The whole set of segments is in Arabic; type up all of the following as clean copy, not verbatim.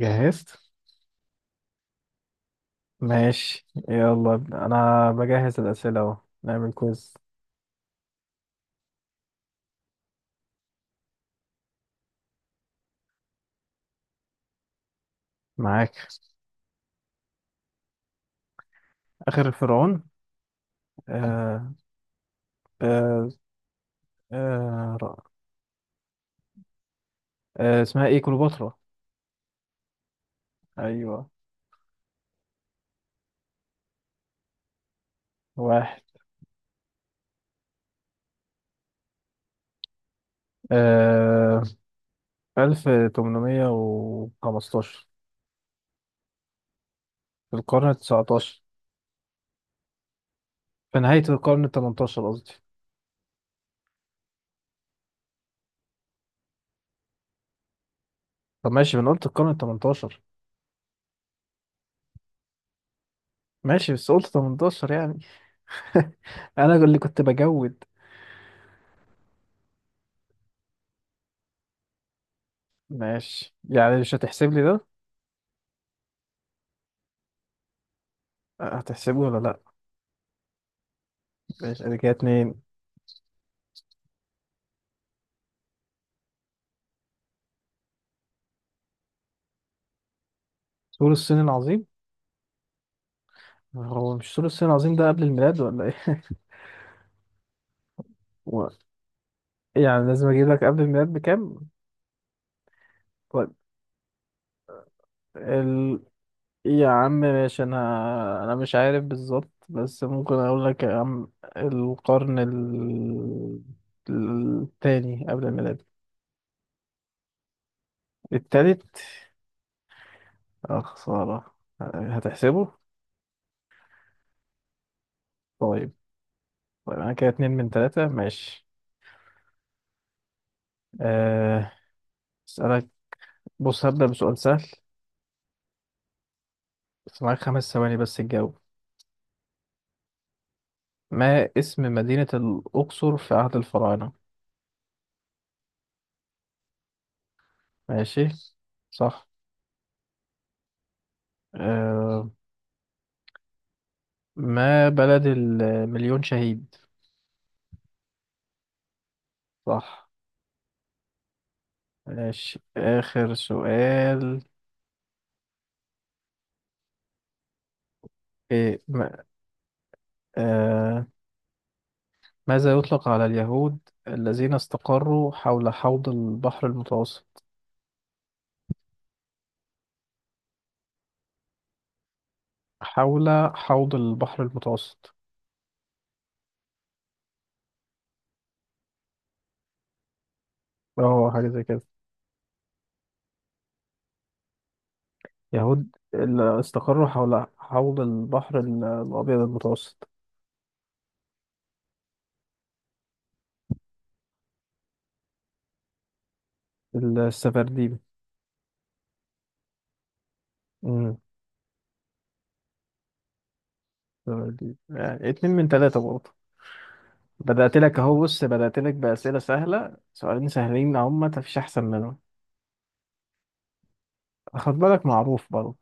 جهزت. ماشي يلا ابدأ. انا بجهز الأسئلة اهو. نعمل كويز. معاك. آخر فرعون. آه آه آه رأ- اسمها ايه كليوباترا. ايوه. واحد. آه 1815. في القرن التسعتاشر. في نهاية القرن التمنتاشر قصدي. طب ماشي، ما انا قلت القرن التمنتاشر. ماشي، بس قلت تمنتاشر يعني. انا اللي كنت بجود. ماشي، يعني مش هتحسب لي ده. هتحسبه ولا لا؟ بسألك يا اتنين. سور الصين العظيم. هو مش سور الصين العظيم ده قبل الميلاد ولا ايه؟ و... يعني لازم اجيب لك قبل الميلاد بكام. طيب. ال... يا عم ماشي، انا مش عارف بالظبط، بس ممكن اقول لك يا عم. القرن ال... التاني قبل الميلاد. التالت. اه خسارة. هتحسبه؟ طيب. طيب انا كده اتنين من تلاتة، ماشي. أه... اسألك. بص هبدأ بسؤال سهل. بس معاك 5 ثواني بس تجاوب. ما اسم مدينة الأقصر في عهد الفراعنة؟ ماشي. صح. آه. ما بلد المليون شهيد؟ صح. ماشي آخر سؤال. إيه ما آه ماذا يطلق على اليهود الذين استقروا حول حوض البحر المتوسط؟ حول حوض البحر المتوسط. اه حاجة زي كده. يهود اللي استقروا حول حوض البحر الأبيض المتوسط. السفرديم. يعني اتنين من تلاتة برضه. بدأت لك بأسئلة سهلة، سؤالين سهلين أهما مفيش أحسن منهم. خد بالك معروف برضه.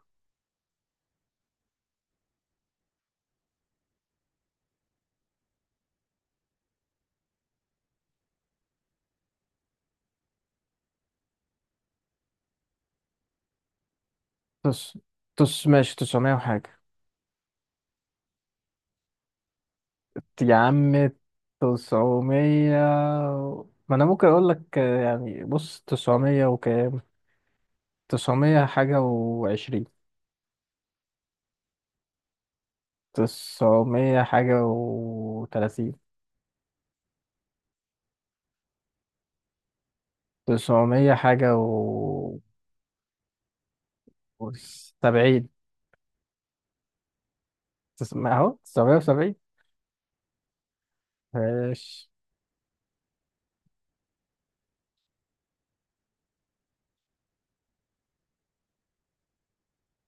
تس تس ماشي تسعمية وحاجة. يا عم تسعمية. ما أنا ممكن أقول لك، يعني بص تسعمية وكام. تسعمية حاجة وعشرين. تسعمية حاجة وتلاتين. تسعمية حاجة و وسبعين. تسعمية أهو، 970. ماشي.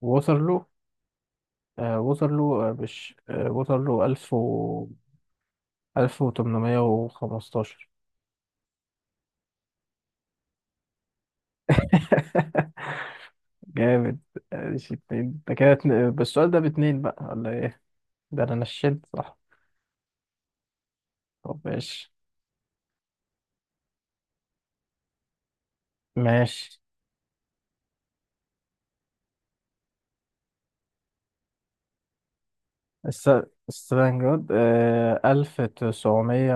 ووصل له، وصل له، آه، مش آه، وصل له 1815. جامد. ماشي اتنين ده كده اتنين- بس السؤال ده باتنين بقى ولا ايه؟ ده انا نشنت صح. طب ماشي. ماشي. الس- ستالينجراد. ألف تسعمية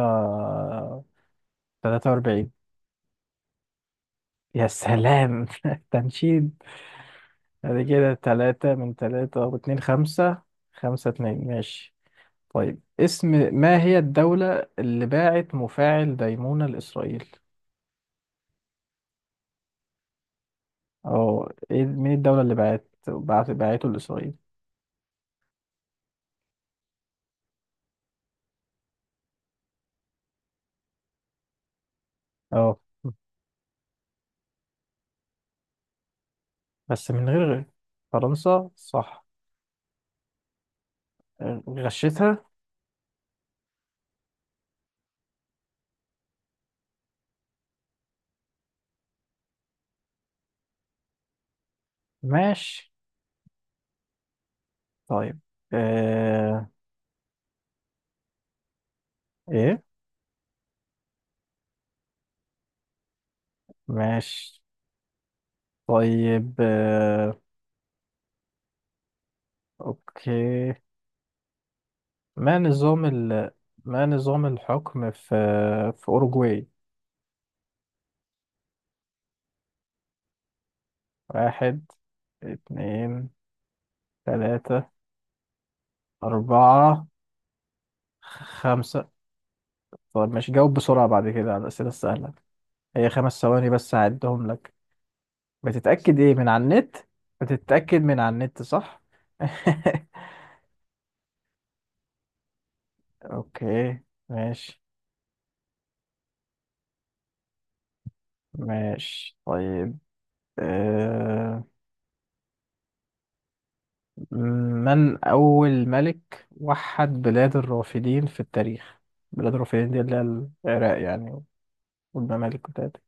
تلاتة وأربعين يا سلام تنشيد. بعد كده تلاتة من تلاتة واتنين خمسة. خمسة اتنين ماشي. طيب اسم. ما هي الدولة اللي باعت مفاعل ديمونة لإسرائيل؟ أو إيه، مين الدولة اللي باعته لإسرائيل؟ أه بس من غير. فرنسا صح. غشيتها. ماشي. طيب آه... إيه ماشي. طيب. أوكي. ما نظام ال... ما نظام الحكم في أوروجواي؟ واحد اتنين تلاتة أربعة خمسة. طب ماشي جاوب بسرعة بعد كده على الأسئلة السهلة. هي 5 ثواني بس هعدهم لك. بتتأكد إيه من على النت؟ بتتأكد من على النت صح؟ أوكي. ماشي ماشي طيب. آه... من أول ملك وحد بلاد الرافدين في التاريخ؟ بلاد الرافدين دي اللي هي العراق يعني، والممالك بتاعتها.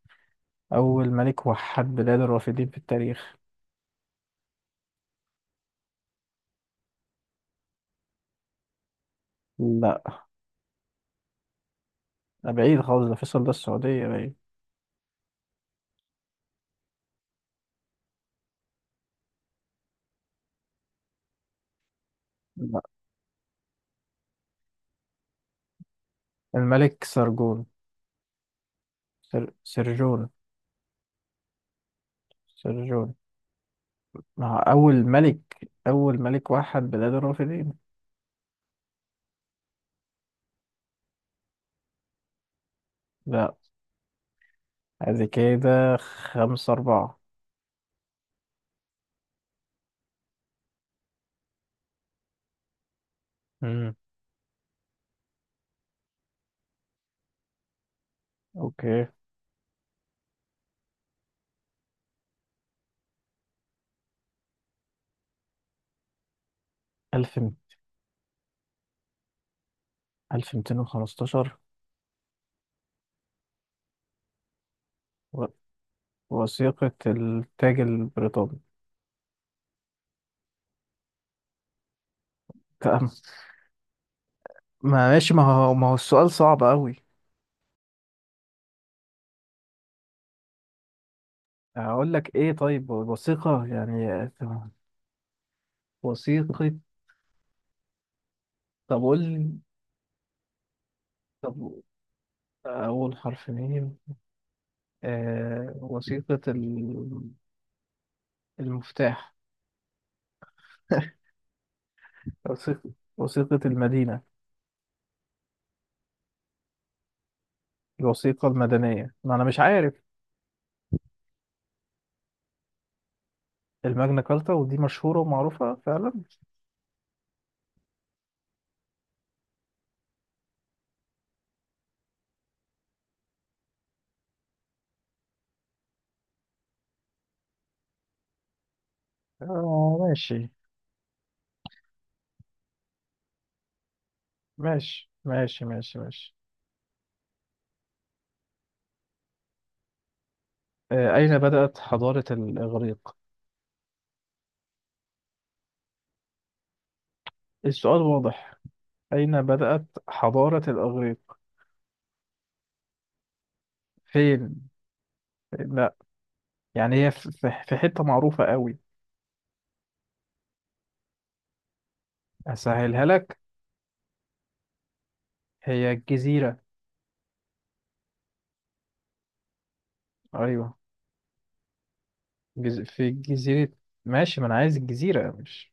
أول ملك وحد بلاد الرافدين في التاريخ. لا ده بعيد خالص، ده فيصل، ده السعودية بعيد. الملك سرجون. سرجون. سرجون. ما هو أول ملك أول ملك وحد بلاد الرافدين. لا. هذه كده خمسة أربعة. امم أوكي. ألف، ألف ميتين وخمستاشر. و... وثيقة التاج البريطاني. تمام. ما هو السؤال صعب أوي. أقول لك إيه طيب وثيقة يعني. تمام. وثيقة. طب قول لي- طب أول حرف مين؟ آه... وثيقة ال... المفتاح. وثيقة. وثيقة المدينة. الوثيقة المدنية، ما أنا مش عارف. الماجنا كارتا ودي مشهورة ومعروفة فعلا. آه ماشي أين بدأت حضارة الإغريق؟ إيه السؤال واضح، أين بدأت حضارة الإغريق؟ فين؟ لا يعني هي في حتة معروفة قوي. أسهلها لك. هي الجزيرة. أيوه. في جزيرة. ماشي ما أنا عايز الجزيرة مش.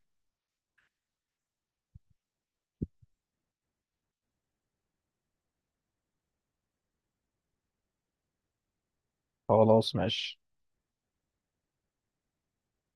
خلاص ماشي.